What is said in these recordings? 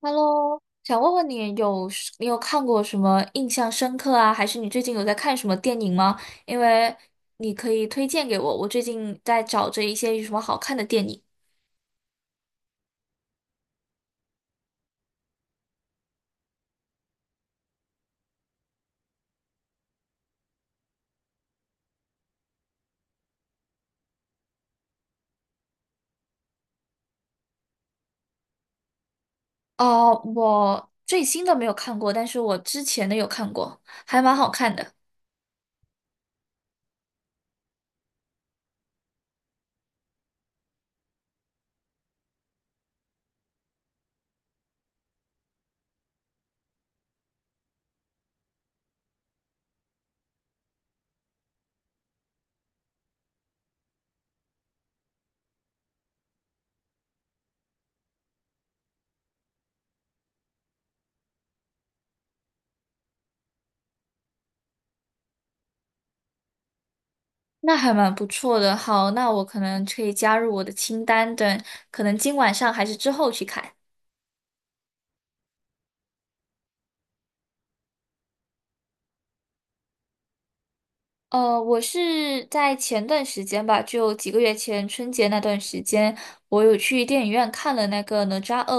Hello，想问问你有是你有看过什么印象深刻啊？还是你最近有在看什么电影吗？因为你可以推荐给我，我最近在找着一些有什么好看的电影。哦，我最新的没有看过，但是我之前的有看过，还蛮好看的。那还蛮不错的。好，那我可能可以加入我的清单，等可能今晚上还是之后去看。我是在前段时间吧，就几个月前春节那段时间，我有去电影院看了那个《哪吒二》。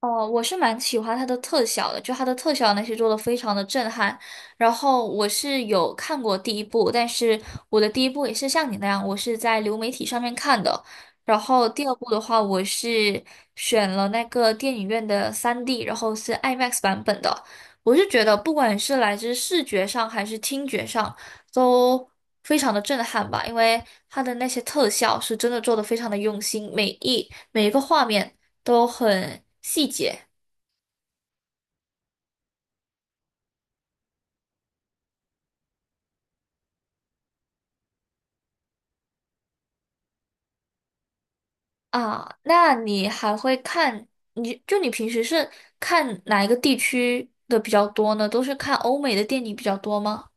哦，我是蛮喜欢它的特效的，就它的特效那些做的非常的震撼。然后我是有看过第一部，但是我的第一部也是像你那样，我是在流媒体上面看的。然后第二部的话，我是选了那个电影院的 3D，然后是 IMAX 版本的。我是觉得不管是来自视觉上还是听觉上，都非常的震撼吧，因为它的那些特效是真的做的非常的用心，每一个画面都很细节啊。那你还会看，你平时是看哪一个地区的比较多呢？都是看欧美的电影比较多吗？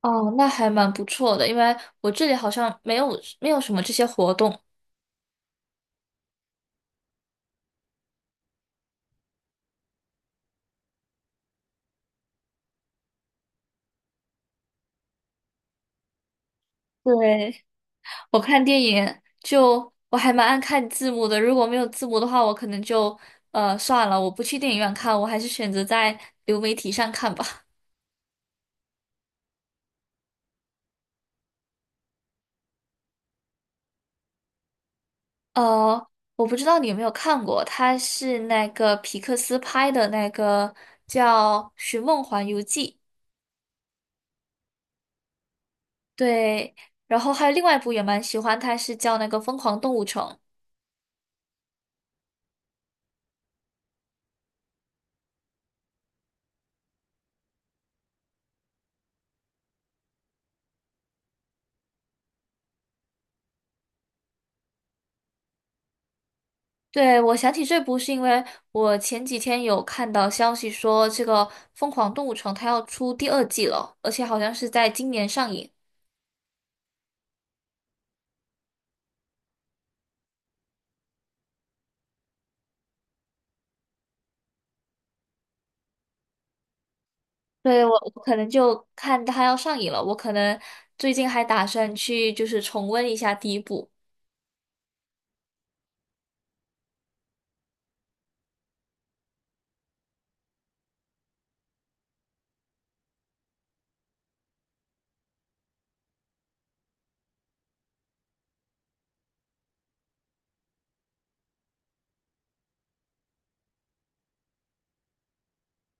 哦，那还蛮不错的，因为我这里好像没有什么这些活动。对，我看电影就我还蛮爱看字幕的，如果没有字幕的话，我可能就算了，我不去电影院看，我还是选择在流媒体上看吧。呃，我不知道你有没有看过，它是那个皮克斯拍的那个叫《寻梦环游记》，对，然后还有另外一部也蛮喜欢，它是叫那个《疯狂动物城》。对，我想起这部是因为我前几天有看到消息说这个《疯狂动物城》它要出第二季了，而且好像是在今年上映。对，我可能就看它要上映了，我可能最近还打算去就是重温一下第一部。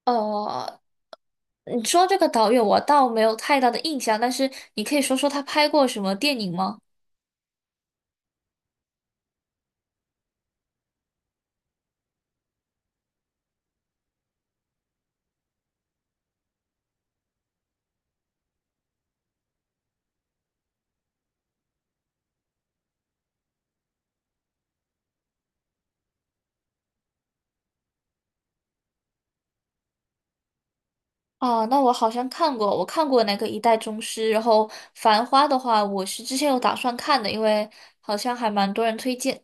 哦，你说这个导演我倒没有太大的印象，但是你可以说说他拍过什么电影吗？啊，那我好像看过，我看过那个《一代宗师》，然后《繁花》的话，我是之前有打算看的，因为好像还蛮多人推荐。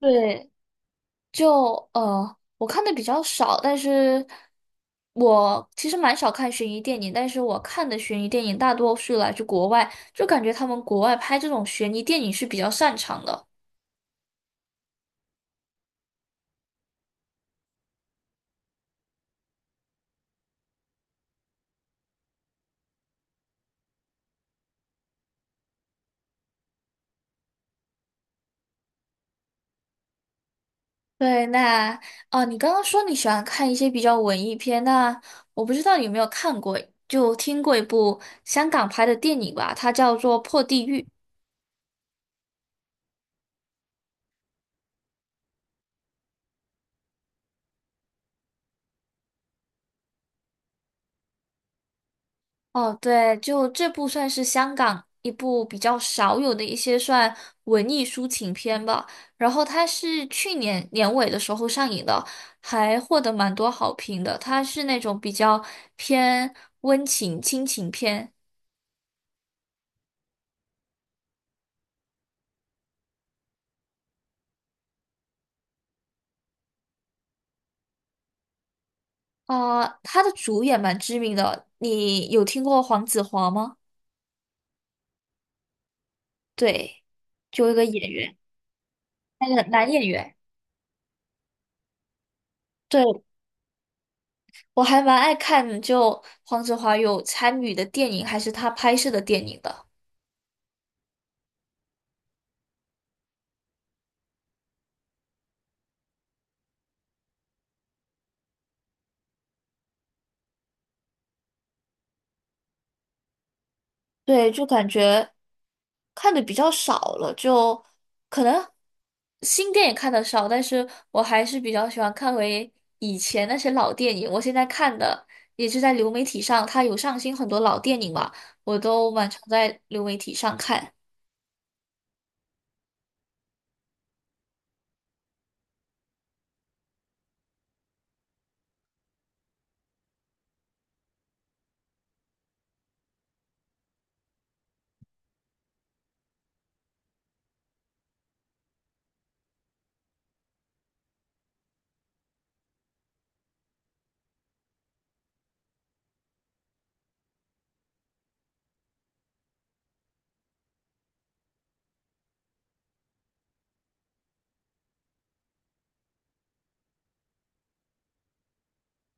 对，就我看的比较少，但是我其实蛮少看悬疑电影，但是我看的悬疑电影大多是来自国外，就感觉他们国外拍这种悬疑电影是比较擅长的。对，你刚刚说你喜欢看一些比较文艺片，那我不知道你有没有看过，就听过一部香港拍的电影吧，它叫做《破地狱》。哦，对，就这部算是香港一部比较少有的一些算文艺抒情片吧。然后它是去年年尾的时候上映的，还获得蛮多好评的。它是那种比较偏温情亲情片。啊、他的主演蛮知名的，你有听过黄子华吗？对，就一个演员，那个男演员。对，我还蛮爱看，就黄子华有参与的电影，还是他拍摄的电影的。对，就感觉看的比较少了，就可能新电影看的少，但是我还是比较喜欢看回以前那些老电影。我现在看的也是在流媒体上，它有上新很多老电影嘛，我都蛮常在流媒体上看。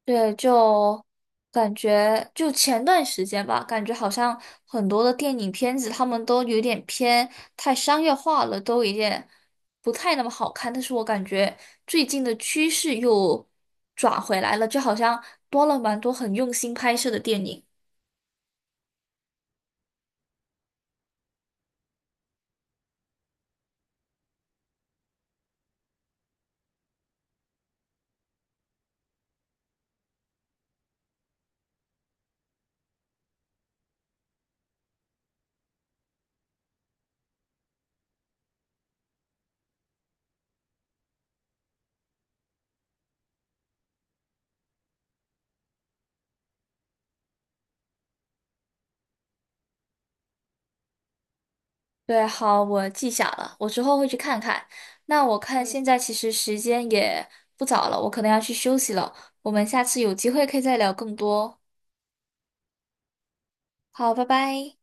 对，就感觉就前段时间吧，感觉好像很多的电影片子，他们都有点偏太商业化了，都有点不太那么好看。但是我感觉最近的趋势又转回来了，就好像多了蛮多很用心拍摄的电影。对，好，我记下了，我之后会去看看。那我看现在其实时间也不早了，我可能要去休息了。我们下次有机会可以再聊更多。好，拜拜。